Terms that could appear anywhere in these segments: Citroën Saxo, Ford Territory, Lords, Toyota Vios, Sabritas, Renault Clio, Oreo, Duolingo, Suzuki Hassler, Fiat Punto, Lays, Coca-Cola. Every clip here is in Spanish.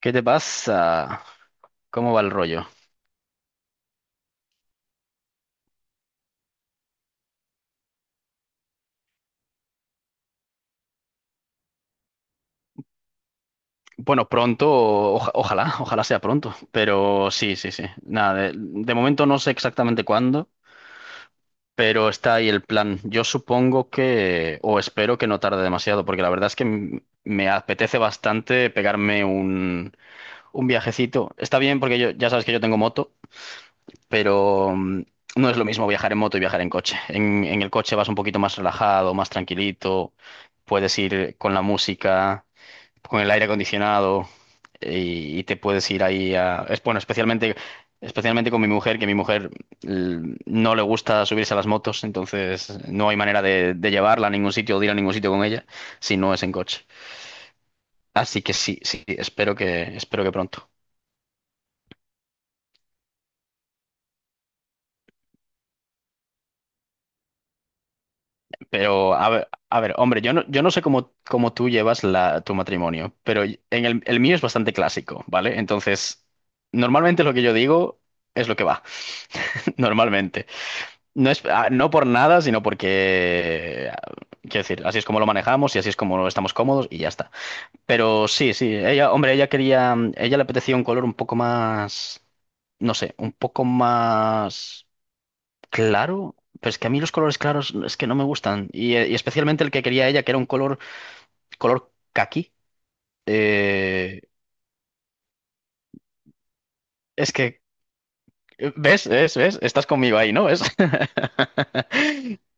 ¿Qué te pasa? ¿Cómo va el rollo? Bueno, pronto, ojalá sea pronto, pero sí, sí, sí. Nada, de momento no sé exactamente cuándo, pero está ahí el plan. Yo supongo que, o espero que no tarde demasiado, porque la verdad es que me apetece bastante pegarme un viajecito. Está bien porque yo, ya sabes que yo tengo moto, pero no es lo mismo viajar en moto y viajar en coche. En el coche vas un poquito más relajado, más tranquilito, puedes ir con la música, con el aire acondicionado, y te puedes ir ahí a... Es bueno, especialmente, especialmente con mi mujer, que mi mujer no le gusta subirse a las motos, entonces no hay manera de llevarla a ningún sitio o de ir a ningún sitio con ella si no es en coche. Así que sí, sí, espero que, pronto. Pero a ver, hombre, yo no sé cómo tú llevas tu matrimonio, pero en el mío es bastante clásico, ¿vale? Entonces, normalmente lo que yo digo es lo que va, normalmente. No es, no por nada, sino porque, quiero decir, así es como lo manejamos y así es como estamos cómodos y ya está. Pero sí, sí, ella, hombre, ella quería, ella le apetecía un color un poco más, no sé, un poco más claro. Pero es que a mí los colores claros es que no me gustan. Y especialmente el que quería ella, que era un color, caqui. Eh, es que, ¿ves? ¿Ves? ¿Ves? Estás conmigo ahí, ¿no? ¿Ves?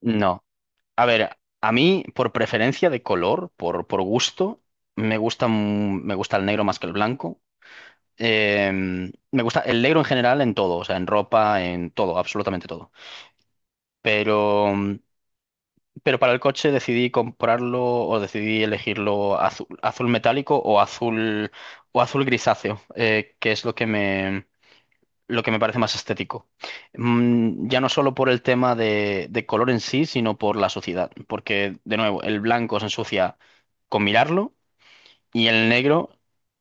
No. A ver, a mí, por preferencia de color, por gusto, me gusta el negro más que el blanco. Eh, me gusta el negro en general en todo, o sea, en ropa, en todo, absolutamente todo. Pero, pero para el coche decidí comprarlo o decidí elegirlo azul, azul metálico o azul, grisáceo, que es lo que me parece más estético. Ya no solo por el tema de color en sí, sino por la suciedad. Porque, de nuevo, el blanco se ensucia con mirarlo y el negro,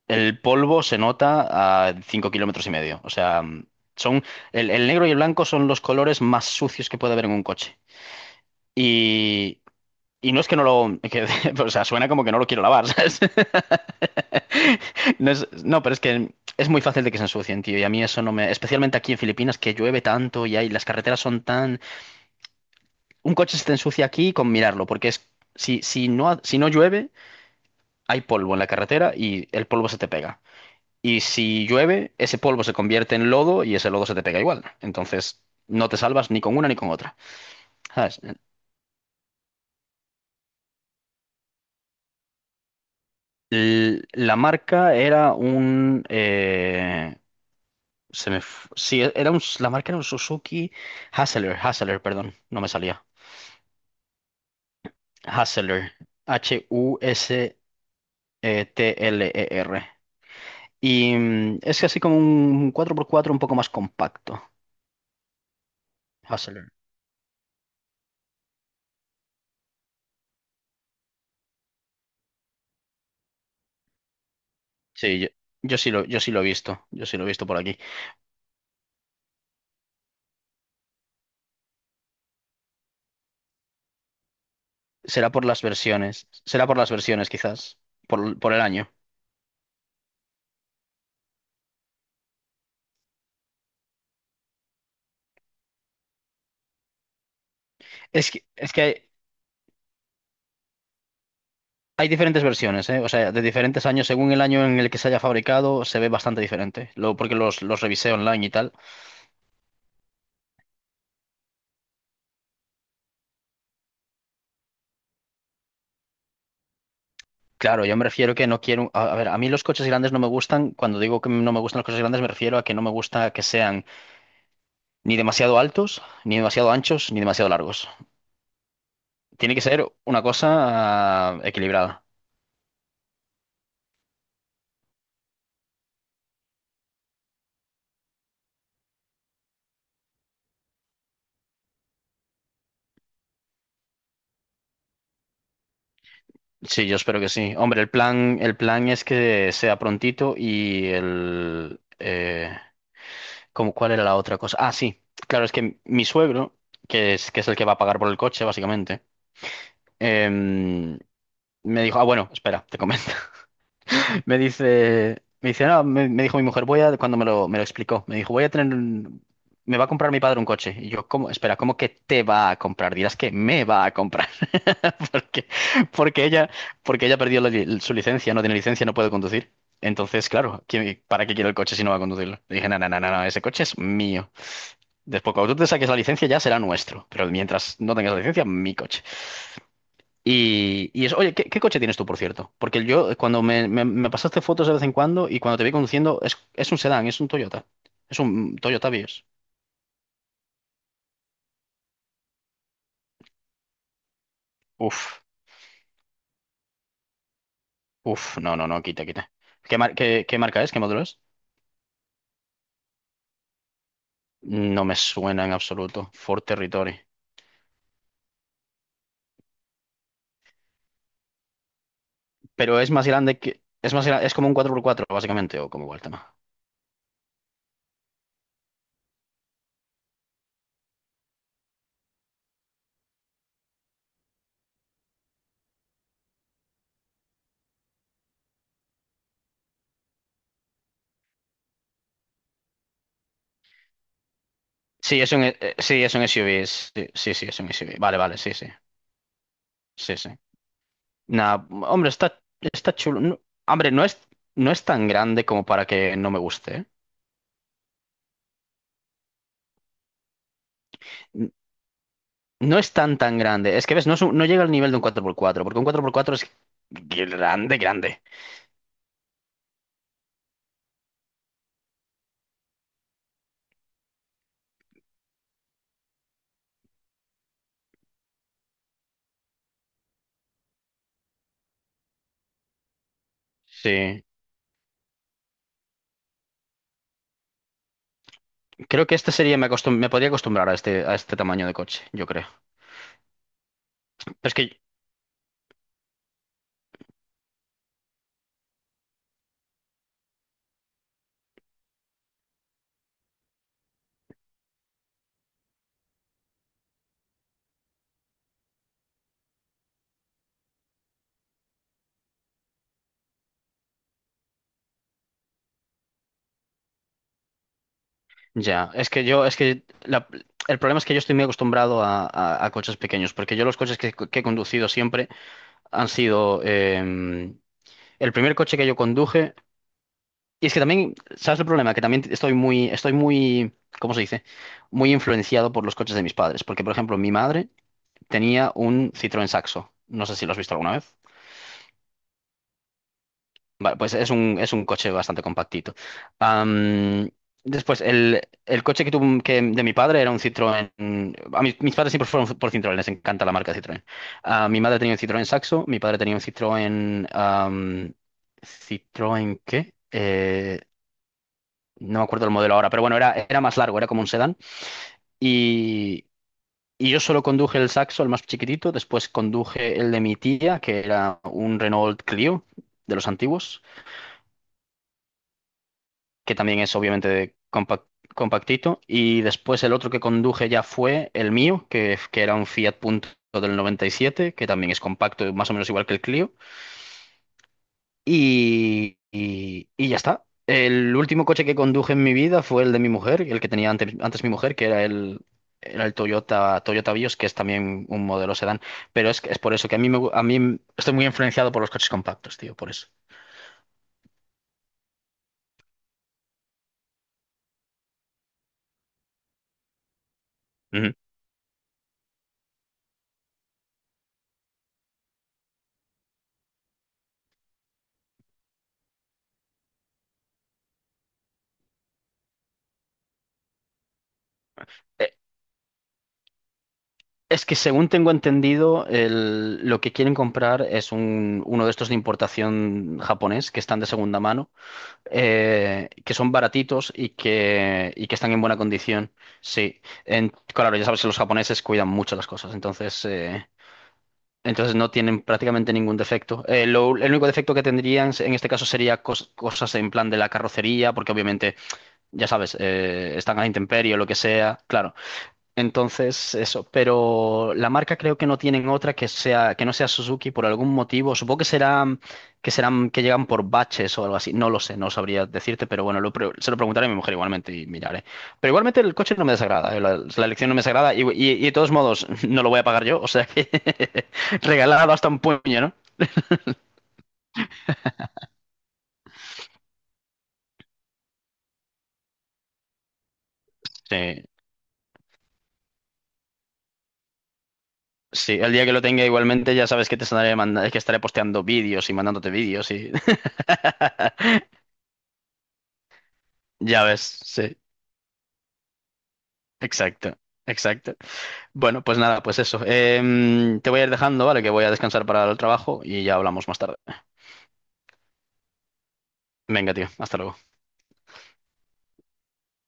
el polvo se nota a 5 kilómetros y medio. O sea, son, el negro y el blanco son los colores más sucios que puede haber en un coche, y y no es que no lo... o sea, suena como que no lo quiero lavar, ¿sabes? No, no, pero es que es muy fácil de que se ensucien, tío. Y a mí eso no me... Especialmente aquí en Filipinas, que llueve tanto y las carreteras son tan... Un coche se te ensucia aquí con mirarlo, porque es... Si no llueve, hay polvo en la carretera y el polvo se te pega. Y si llueve, ese polvo se convierte en lodo y ese lodo se te pega igual. Entonces, no te salvas ni con una ni con otra. ¿Sabes? La marca era un... Se me... Sí, era un... la marca era un Suzuki Hassler, Hassler, perdón, no me salía. Hassler, Hustler. Y es así como un cuatro por cuatro un poco más compacto. Hustler. Sí, yo sí lo, yo sí lo he visto por aquí. Será por las versiones quizás, por el año. Es que hay diferentes versiones, ¿eh? O sea, de diferentes años, según el año en el que se haya fabricado, se ve bastante diferente. Porque los revisé online y tal. Claro, yo me refiero que no quiero. A ver, a mí los coches grandes no me gustan. Cuando digo que no me gustan los coches grandes, me refiero a que no me gusta que sean ni demasiado altos, ni demasiado anchos, ni demasiado largos. Tiene que ser una cosa equilibrada. Sí, yo espero que sí. Hombre, el plan es que sea prontito y el. ¿Cómo- cuál era la otra cosa? Ah, sí. Claro, es que mi suegro, que es el que va a pagar por el coche, básicamente, em, me dijo, ah, bueno, espera, te comento. Me dice, no, me dijo mi mujer, voy a, cuando me lo explicó, me dijo, voy a tener, me va a comprar mi padre un coche. Y yo, ¿cómo? Espera, ¿cómo que te va a comprar? Dirás que me va a comprar. Porque, porque ella, porque ella perdió la su licencia, no tiene licencia, no puede conducir. Entonces, claro, ¿para qué quiero el coche si no va a conducirlo? Le dije, no, no, no, no, no, ese coche es mío. Después, cuando tú te saques la licencia, ya será nuestro. Pero mientras no tengas la licencia, mi coche. Y eso, oye, ¿qué coche tienes tú, por cierto? Porque yo, cuando me pasaste fotos de vez en cuando y cuando te vi conduciendo, es un sedán, es un Toyota. Es un Toyota Vios. Uf, uf, no, no, no, quita, quita. ¿Qué marca es? ¿Qué modelo es? No me suena en absoluto. Ford Territory. Pero es más grande que... Es más es como un cuatro por cuatro básicamente, o como igual tema. Sí, es un SUV. Sí, sí, sí, es un SUV. Vale, vale, sí, sí. Sí, sí. Nah, hombre, está chulo. Hombre, no es tan grande como para que no me guste, ¿eh? N- No es tan tan grande. Es que ves, no, no llega al nivel de un cuatro por cuatro, porque un cuatro por cuatro es grande, grande. Sí. Creo que este sería, me podría acostumbrar a este, tamaño de coche, yo creo. Pero es que, ya, es que yo, es que la- el problema es que yo estoy muy acostumbrado a coches pequeños, porque yo los coches que he conducido siempre han sido, el primer coche que yo conduje. Y es que también, ¿sabes el problema? Que también estoy muy, ¿cómo se dice? Muy influenciado por los coches de mis padres. Porque, por ejemplo, mi madre tenía un Citroën Saxo. No sé si lo has visto alguna vez. Vale, pues es un coche bastante compactito. Am, después, el coche que de mi padre era un Citroën. A mis padres siempre fueron por Citroën, les encanta la marca Citroën. Ah, mi madre tenía un Citroën Saxo, mi padre tenía un Citroën. ¿Citroën qué? No me acuerdo el modelo ahora, pero bueno, era más largo, era como un sedán. Y, y yo solo conduje el Saxo, el más chiquitito, después conduje el de mi tía, que era un Renault Clio de los antiguos, que también es obviamente de compactito. Y después el otro que conduje ya fue el mío, que era un Fiat Punto del 97, que también es compacto, más o menos igual que el Clio, y ya está. El último coche que conduje en mi vida fue el de mi mujer, el que tenía antes, antes mi mujer, que era el Toyota Vios, que es también un modelo sedán. Pero es por eso que a mí, a mí estoy muy influenciado por los coches compactos, tío, por eso. Ujú. Eh, Es que según tengo entendido, lo que quieren comprar es uno de estos de importación japonés que están de segunda mano, que son baratitos y y que están en buena condición. Sí, claro, ya sabes que los japoneses cuidan mucho las cosas, entonces no tienen prácticamente ningún defecto. El único defecto que tendrían en este caso sería cosas en plan de la carrocería, porque obviamente, ya sabes, están a la intemperie o lo que sea. Claro, entonces, eso, pero la marca creo que no tienen otra que no sea Suzuki por algún motivo. Supongo que serán, que llegan por baches o algo así. No lo sé, no sabría decirte, pero bueno, se lo preguntaré a mi mujer igualmente y miraré. Pero igualmente el coche no me desagrada, la elección no me desagrada y de todos modos no lo voy a pagar yo, o sea que regalado hasta un puño, ¿no? Sí, sí, el día que lo tenga igualmente ya sabes que te estaré mandando, que estaré posteando vídeos y mandándote vídeos y ya ves, sí, exacto, exacto. Bueno, pues nada, pues eso. Te voy a ir dejando, ¿vale? Que voy a descansar para el trabajo y ya hablamos más tarde. Venga, tío, hasta luego.